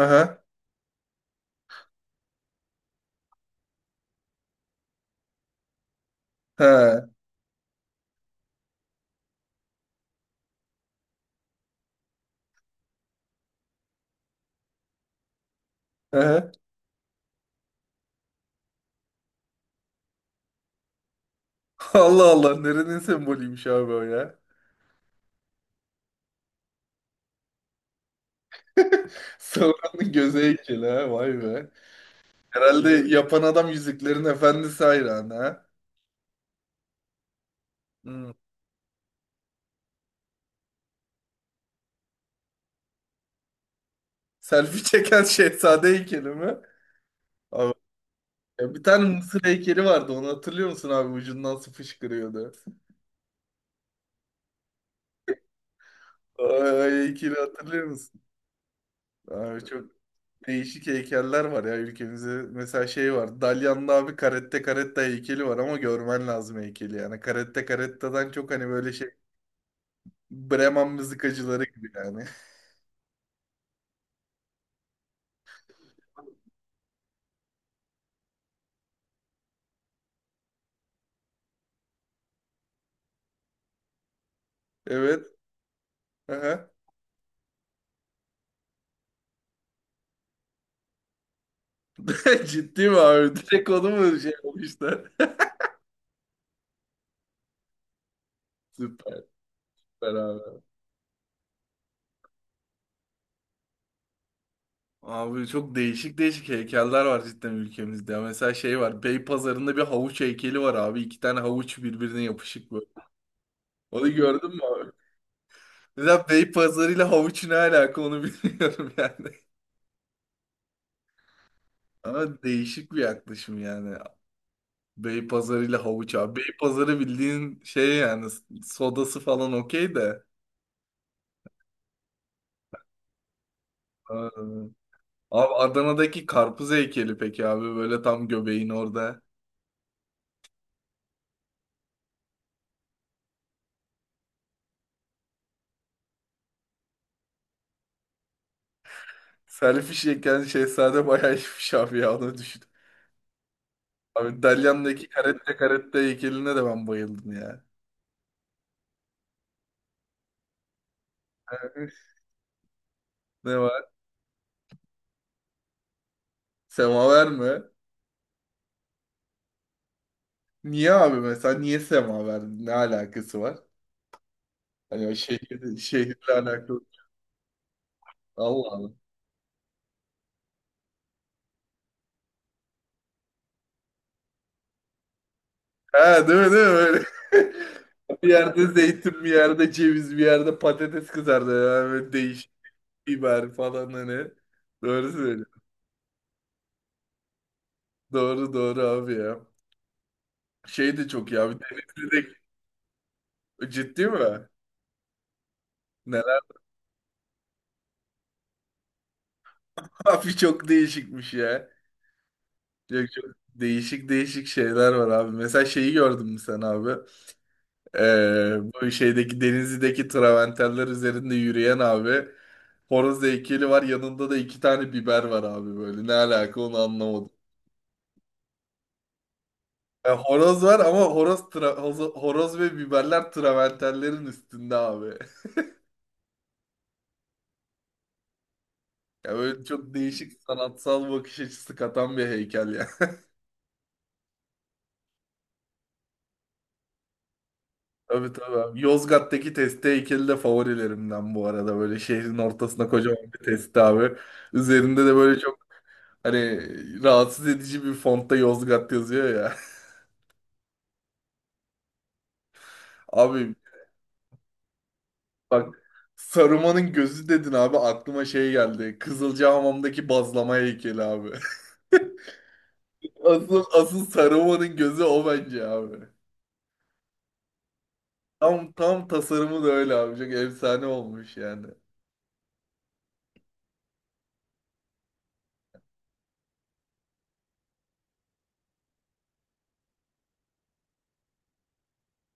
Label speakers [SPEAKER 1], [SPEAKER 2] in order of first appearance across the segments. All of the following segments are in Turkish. [SPEAKER 1] Aha. He. Aha. Allah Allah, nerenin sembolüymüş abi o ya. Sauron'un göze heykeli ha, vay be. Herhalde yapan adam Yüzüklerin Efendisi hayranı ha. Hmm. Selfie çeken şehzade heykeli mi? Abi, ya bir tane Mısır heykeli vardı, onu hatırlıyor musun abi, ucundan su fışkırıyordu. O heykeli hatırlıyor musun? Abi çok değişik heykeller var ya ülkemizde. Mesela şey var. Dalyan'da abi Caretta Caretta heykeli var ama görmen lazım heykeli. Yani Caretta Caretta'dan çok hani böyle şey, Bremen mızıkacıları gibi yani. Evet. Aha. Ciddi mi abi? Direkt onu mu şey yapmışlar? Süper, süper abi. Abi çok değişik değişik heykeller var cidden ülkemizde. Ya mesela şey var. Beypazarı'nda bir havuç heykeli var abi. İki tane havuç birbirine yapışık böyle. Onu gördün mü abi? Mesela Beypazarı ile havuç ne alaka, onu bilmiyorum yani. Ama değişik bir yaklaşım yani. Beypazarı ile havuç abi. Beypazarı bildiğin şey yani, sodası falan okey de. Aa. Abi Adana'daki karpuz heykeli peki abi, böyle tam göbeğin orada. Selfie çeken şehzade bayağı iyiymiş abi ya, onu düşün. Abi Dalyan'daki karette karette heykeline de ben bayıldım ya. Ne var? Semaver mi? Niye abi, mesela niye semaver? Ne alakası var? Hani o şehir, şehirle alakalı. Allah Allah. Ha, değil mi değil mi öyle? Bir yerde zeytin, bir yerde ceviz, bir yerde patates kızardı. Yani böyle değişik, biber falan hani. Doğru söylüyorsun. Doğru doğru abi ya. Şey de çok ya. Bir Denizli'de, ciddi mi? Neler? Abi çok değişikmiş ya. Çok, çok değişik değişik şeyler var abi. Mesela şeyi gördün mü sen abi? Ee, bu şeydeki Denizli'deki travertenler üzerinde yürüyen abi. Horoz heykeli var. Yanında da iki tane biber var abi böyle. Ne alaka, onu anlamadım. Yani horoz var ama horoz ve biberler travertenlerin üstünde abi. Ya böyle çok değişik sanatsal bakış açısı katan bir heykel ya. Tabii tabii abi. Yozgat'taki testi heykeli de favorilerimden bu arada. Böyle şehrin ortasına kocaman bir testi abi. Üzerinde de böyle çok hani rahatsız edici bir fontta Yozgat yazıyor ya. Abi bak, Saruman'ın gözü dedin abi, aklıma şey geldi. Kızılcahamam'daki bazlama heykeli abi. Asıl, asıl Saruman'ın gözü o bence abi. Tam tasarımı da öyle abi. Çok efsane olmuş yani.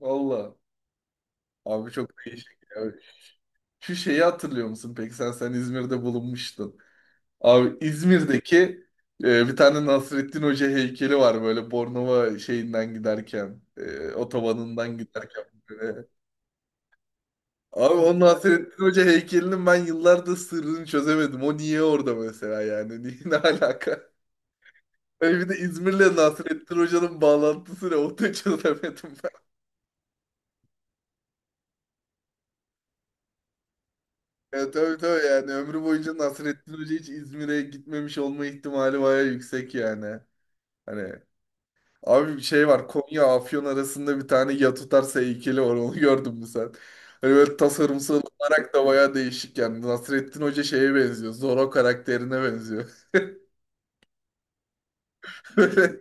[SPEAKER 1] Valla. Abi çok değişik ya. Şu şeyi hatırlıyor musun peki, sen İzmir'de bulunmuştun. Abi İzmir'deki bir tane Nasrettin Hoca heykeli var, böyle Bornova şeyinden giderken, otobanından giderken böyle. Abi o Nasrettin Hoca heykelinin ben yıllardır sırrını çözemedim. O niye orada mesela yani? Niye, ne alaka? Böyle bir de İzmir'le Nasrettin Hoca'nın bağlantısı ne? Onu da çözemedim ben. Tabii tabii yani ömrü boyunca Nasrettin Hoca hiç İzmir'e gitmemiş olma ihtimali bayağı yüksek yani. Hani abi bir şey var, Konya Afyon arasında bir tane ya tutarsa heykeli var, onu gördün mü sen? Hani böyle tasarımsal olarak da bayağı değişik yani. Nasrettin Hoca şeye benziyor, Zorro karakterine benziyor. Böyle.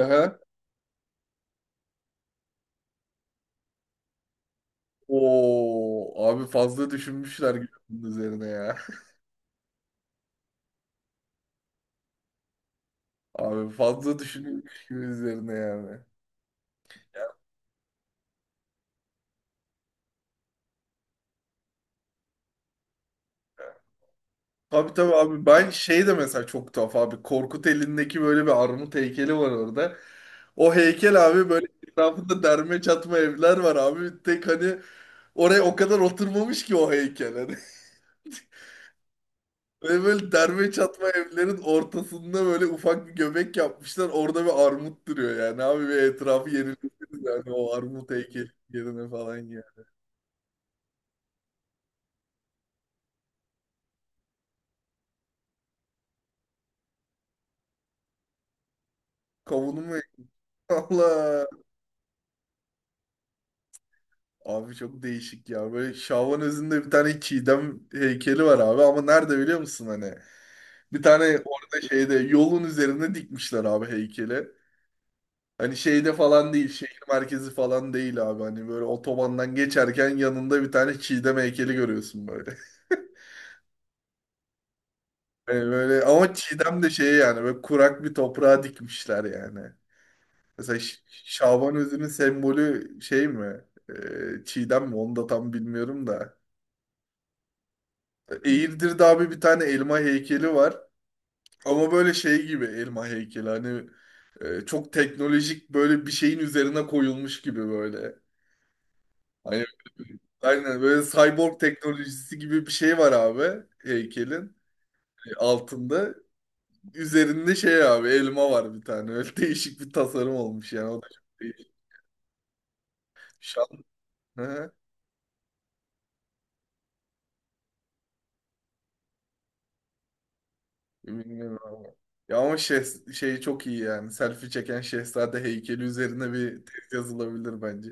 [SPEAKER 1] Aha. Oo, abi fazla düşünmüşler gibi bunun üzerine ya. Abi fazla düşünülmüş gibi üzerine yani. Abi tabii abi, ben şey de mesela çok tuhaf abi, Korkut elindeki böyle bir armut heykeli var orada. O heykel abi, böyle etrafında derme çatma evler var abi. Tek hani oraya o kadar oturmamış ki o heykel hani. Böyle derme çatma evlerin ortasında böyle ufak bir göbek yapmışlar. Orada bir armut duruyor yani abi, ve etrafı yenilirsiniz yani o armut heykeli yerine falan ya. Kavunu mu? Allah. Abi çok değişik ya. Böyle Şaban özünde bir tane Çiğdem heykeli var abi ama nerede biliyor musun hani? Bir tane orada şeyde yolun üzerine dikmişler abi heykeli. Hani şeyde falan değil, şehir merkezi falan değil abi. Hani böyle otobandan geçerken yanında bir tane Çiğdem heykeli görüyorsun böyle. Yani böyle ama Çiğdem de şey yani, böyle kurak bir toprağa dikmişler yani. Mesela Şaban özünün sembolü şey mi? Çiğdem mi? Onu da tam bilmiyorum da. Eğirdir'de abi bir tane elma heykeli var. Ama böyle şey gibi elma heykeli hani, çok teknolojik böyle bir şeyin üzerine koyulmuş gibi böyle. Hani aynen böyle cyborg teknolojisi gibi bir şey var abi heykelin altında. Üzerinde şey abi, elma var bir tane. Öyle değişik bir tasarım olmuş yani, o da çok değişik. Şan. Hı, bilmiyorum abi. Ya ama şey, çok iyi yani. Selfie çeken şehzade heykeli üzerine bir tez yazılabilir bence.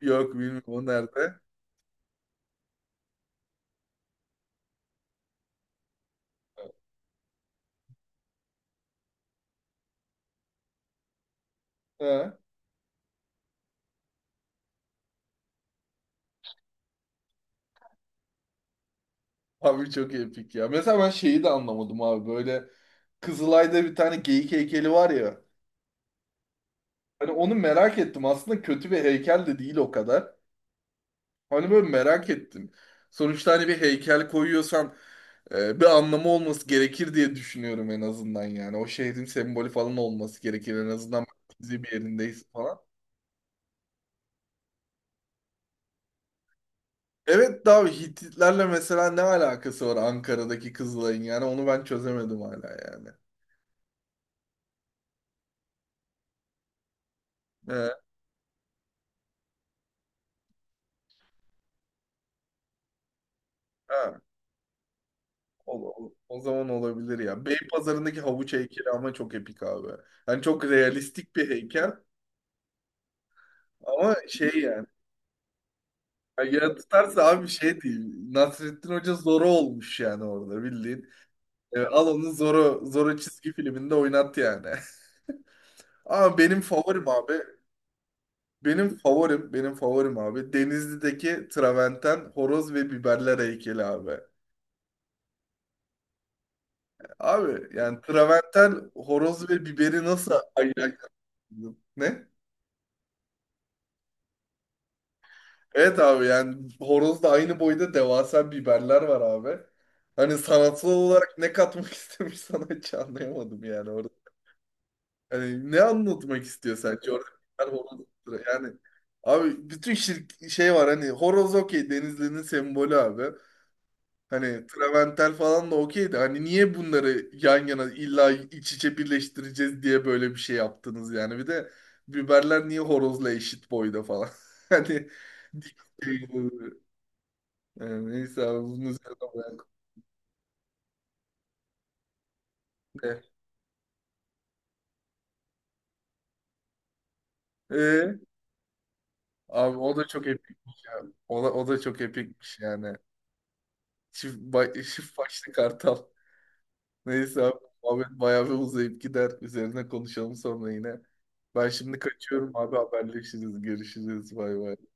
[SPEAKER 1] Yok, bilmiyorum o nerede. He. Abi çok epik ya. Mesela ben şeyi de anlamadım abi. Böyle Kızılay'da bir tane geyik heykeli var ya. Hani onu merak ettim. Aslında kötü bir heykel de değil o kadar. Hani böyle merak ettim. Sonuçta hani bir heykel koyuyorsan bir anlamı olması gerekir diye düşünüyorum en azından yani. O şehrin sembolü falan olması gerekir en azından, bizi bir yerindeyiz falan. Evet, daha Hititlerle mesela ne alakası var Ankara'daki Kızılay'ın, yani onu ben çözemedim hala yani. Ha, o zaman olabilir ya. Beypazarı'ndaki havuç heykeli ama çok epik abi. Yani çok realistik bir heykel ama şey yani. Yani ya tutarsa abi şey değil. Nasrettin Hoca Zorro olmuş yani orada, bildiğin. Evet, al onu Zorro, Zorro çizgi filminde oynat yani. Ama benim favorim abi. Benim favorim, benim favorim abi, Denizli'deki Traverten horoz ve biberler heykeli abi. Abi yani Traverten horoz ve biberi nasıl ayıracaksın? Ne? Evet abi yani horozda aynı boyda devasa biberler var abi. Hani sanatsal olarak ne katmak istemiş sana hiç anlayamadım yani orada. Hani ne anlatmak istiyor sence orada, biber horoz yani abi, bütün şey var hani, horoz okey, Denizli'nin sembolü abi. Hani Traventel falan da okey de, hani niye bunları yan yana illa iç içe birleştireceğiz diye böyle bir şey yaptınız yani. Bir de biberler niye horozla eşit boyda falan. Hani yani neyse abi, bunu zaten bırak. E, e, abi o da çok epikmiş ya. O da çok epikmiş yani. Çift başlı kartal. Neyse abi, muhabbet bayağı bir uzayıp gider. Üzerine konuşalım sonra yine. Ben şimdi kaçıyorum abi, haberleşiriz. Görüşürüz. Bay bay.